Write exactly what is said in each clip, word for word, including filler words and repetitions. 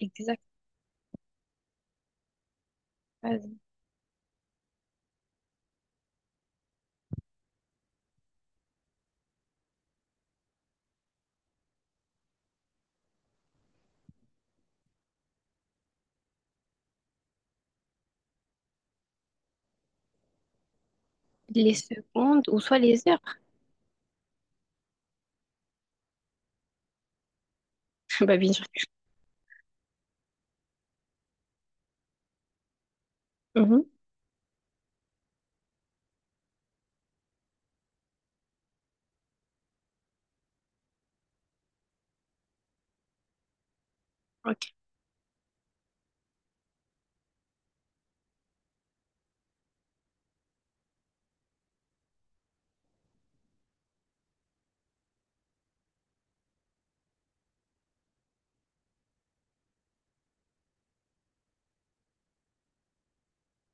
Exact. Vas-y. Les secondes ou soit les heures. Bah, bien sûr. Mhm. Ok.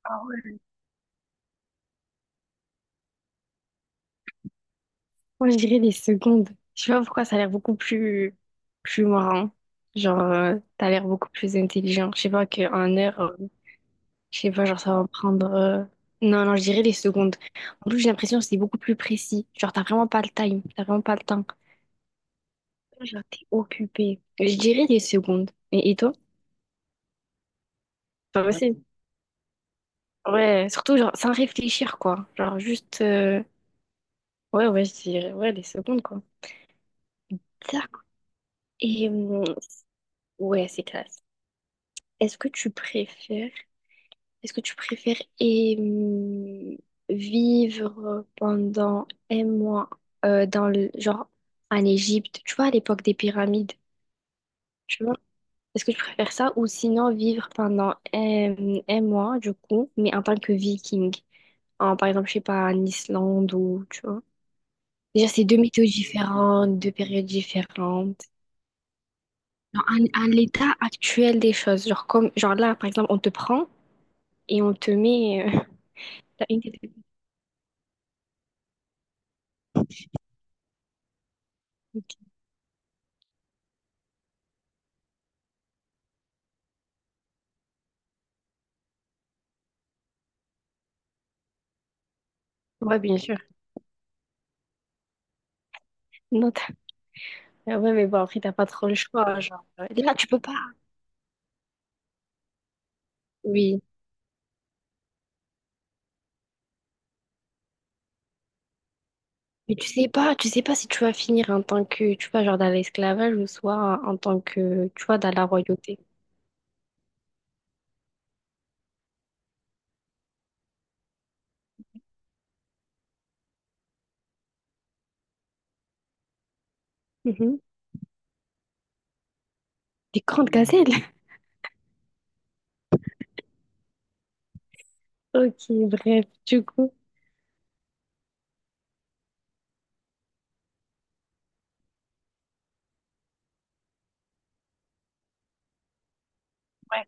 Ah ouais. Moi, je dirais les secondes. Je sais pas pourquoi ça a l'air beaucoup plus, plus marrant. Genre, euh, t'as l'air beaucoup plus intelligent. Je sais pas qu'en heure, euh, je sais pas, genre, ça va me prendre. euh, Non, non, je dirais les secondes. En plus, j'ai l'impression que c'est beaucoup plus précis. Genre, t'as vraiment pas le time. T'as vraiment pas le temps. Genre, t'es occupé. Je dirais les secondes. Et, et toi? Pas ouais, facile. Ouais, surtout, genre, sans réfléchir, quoi. Genre, juste. euh, Ouais, ouais, je dirais, ouais, les secondes, quoi. D'accord. Et hum, ouais, c'est classe. Est-ce que tu préfères, est-ce que tu préfères et, hum, vivre pendant un mois euh, dans le genre en Égypte, tu vois, à l'époque des pyramides, tu vois? Est-ce que tu préfères ça ou sinon vivre pendant un, mmh, un mois, du coup, mais en tant que viking, en par exemple, je sais pas, en Islande ou tu vois? Déjà, c'est deux météos différentes, deux périodes différentes. Genre, à, à l'état actuel des choses. Genre, comme, genre là, par exemple, on te prend et on te met. euh, T'as une tête- Ouais, bien sûr. Non, t'as- Ah ouais, mais bon, après, t'as pas trop le choix. Genre, euh, là, tu peux pas. Oui. Mais tu sais pas, tu sais pas si tu vas finir en tant que, tu vois, genre dans l'esclavage ou soit en tant que, tu vois, dans la royauté. Mhm. Des grandes gazelles. Ok, bref, du coup. Ouais.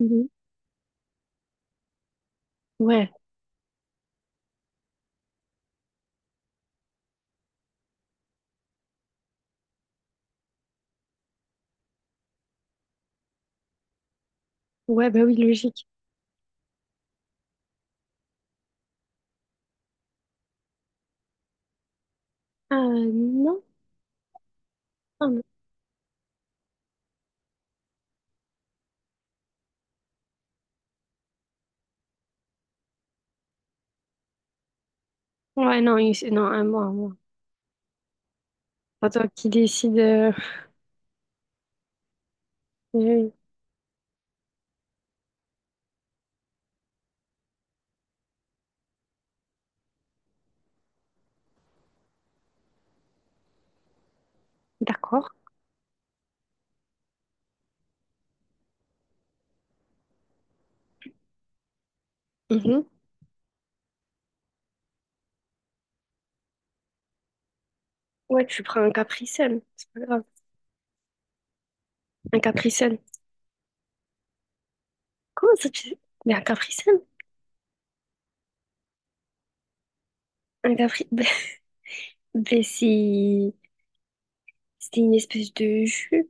Mhm. Ouais, ouais, bah oui, logique. Ah non, non, non. Ouais, non, il- non, un mois, un mois. Pas toi qui décide. euh, Oui, oui, d'accord. Mhm. Ouais, tu prends un capricène, c'est pas grave. Un capricène. Comment ça tu... sais? Mais un capricène? Un capri... Ben, ben, c'est... C'est une espèce de jus,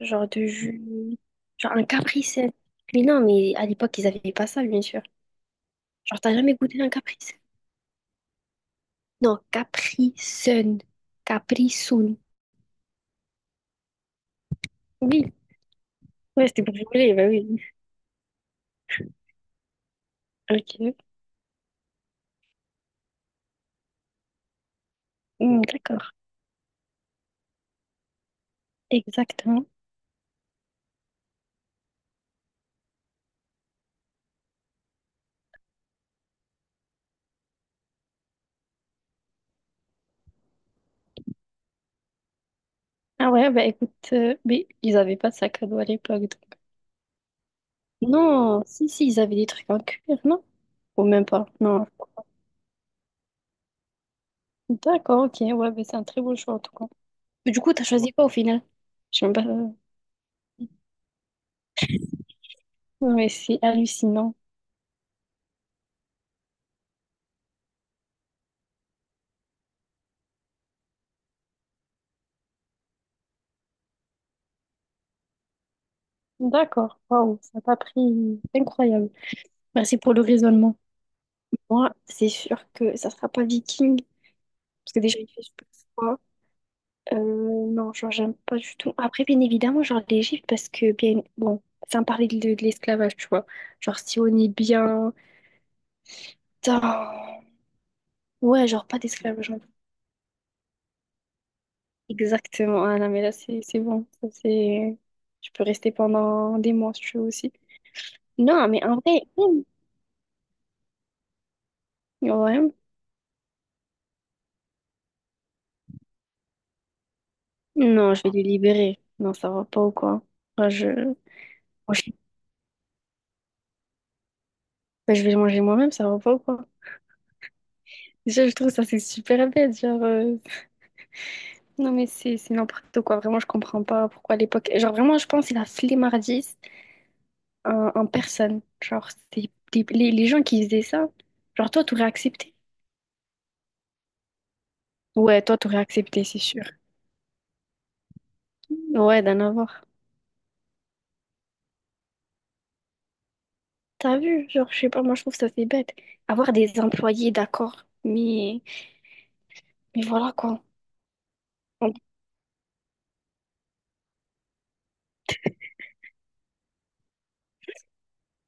genre de jus... Genre un capricène. Mais non, mais à l'époque, ils avaient pas ça, bien sûr. Genre, t'as jamais goûté un capricène? Non, capricène. Capricène. Oui, ouais, c'était pour rigoler, bah oui. Ok, hmm, d'accord. Exactement. Ah ouais, bah écoute, euh, mais ils avaient pas de sac à dos à l'époque. Non, si, si, ils avaient des trucs en cuir, non? Ou même pas, non. D'accord, ok, ouais, mais c'est un très beau choix en tout cas. Mais du coup, t'as choisi quoi au final? Je sais même pas. Ouais, c'est hallucinant. D'accord, waouh, ça t'a pris incroyable. Merci pour le raisonnement. Moi, c'est sûr que ça sera pas viking, parce que déjà, il fait super froid. Euh, non, genre, j'aime pas du tout. Après, bien évidemment, genre, l'Égypte, parce que, bien, bon, sans parler de, de l'esclavage, tu vois. Genre, si on est bien. Putain. Ouais, genre, pas d'esclavage. Exactement. Ah non, mais là, c'est c'est bon. Ça, c'est... Je peux rester pendant des mois si je veux aussi. Non, mais en vrai, hmm, ouais. Non, je vais les libérer. Non, ça va pas ou quoi? Moi, je... moi, je... bah, je vais le manger moi-même, ça va pas ou quoi? Déjà, je trouve ça, c'est super bête. Genre, euh, non, mais c'est c'est n'importe quoi. Vraiment, je comprends pas pourquoi à l'époque. Genre, vraiment, je pense que c'est la flemmardise en, en personne. Genre, c'est des- les, les gens qui faisaient ça, genre, toi, t'aurais accepté. Ouais, toi, t'aurais accepté, c'est sûr. Ouais, d'en avoir. T'as vu, genre, je sais pas, moi je trouve ça c'est bête. Avoir des employés, d'accord, mais, mais voilà quoi.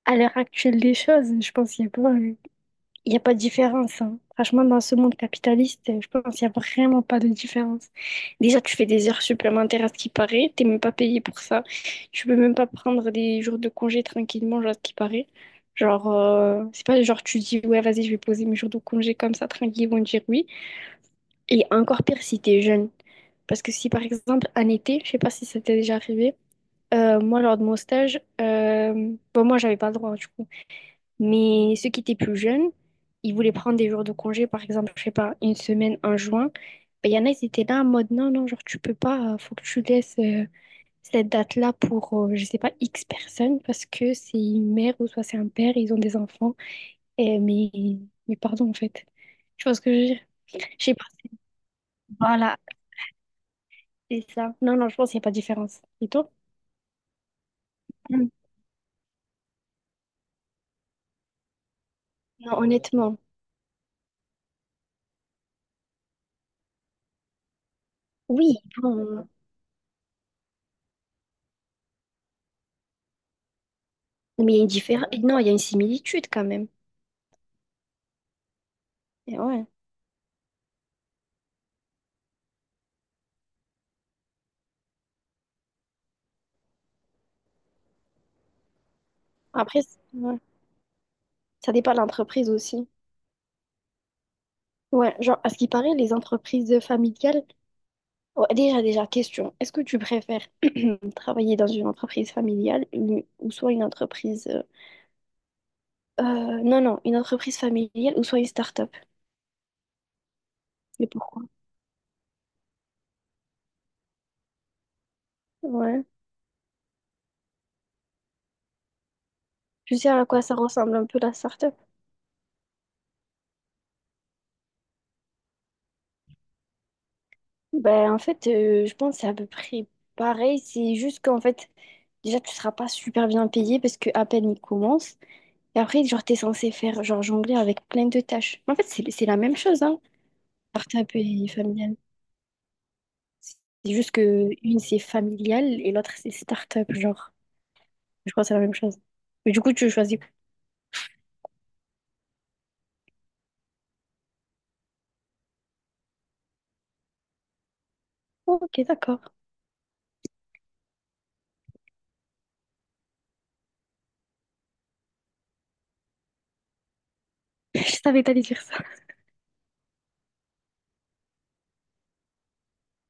À l'heure actuelle des choses, je pense qu'il n'y a pas, il y a pas de différence, hein. Franchement, dans ce monde capitaliste, je pense qu'il n'y a vraiment pas de différence. Déjà, tu fais des heures supplémentaires à ce qui paraît, t'es même pas payé pour ça. Tu peux même pas prendre des jours de congé tranquillement, genre, à ce qui paraît. Genre, euh, c'est pas genre tu dis, ouais, vas-y, je vais poser mes jours de congé comme ça, tranquille, ils vont dire oui. Et encore pire si t'es jeune. Parce que si par exemple en été, je sais pas si ça t'est déjà arrivé, euh, moi lors de mon stage, euh, bon moi j'avais pas le droit du coup, mais ceux qui étaient plus jeunes, ils voulaient prendre des jours de congé, par exemple, je sais pas, une semaine en juin, ben y en a ils étaient là en mode non, non, genre tu peux pas, euh, faut que tu laisses euh, cette date-là pour, euh, je sais pas, X personnes, parce que c'est une mère ou soit c'est un père, ils ont des enfants, et, mais, mais pardon en fait, je ce que je veux dire. Je sais pas. Voilà, c'est ça. Non, non, je pense qu'il n'y a pas de différence. Et toi? Mm. Non, honnêtement. Oui, bon. Mais il y a une différence. Non, il y a une similitude quand même. Et ouais. Après, c- ouais, ça dépend de l'entreprise aussi. Ouais, genre, à ce qui paraît, les entreprises familiales. Ouais, déjà, déjà, question. Est-ce que tu préfères travailler dans une entreprise familiale une- ou soit une entreprise. euh, euh, non, non, une entreprise familiale ou soit une start-up? Et pourquoi? Ouais. Je sais à quoi ça ressemble un peu la start-up. Ben, en fait, euh, je pense que c'est à peu près pareil. C'est juste qu'en fait, déjà, tu seras pas super bien payé parce que à peine il commence. Et après, genre, t'es censé faire, genre, jongler avec plein de tâches. En fait, c'est c'est la même chose, hein. Start-up et familial. C'est juste que une, c'est familial et l'autre, c'est start-up, genre. Je crois que c'est la même chose. Mais du coup, tu choisis. Ok, d'accord. Je savais que t'allais dire ça.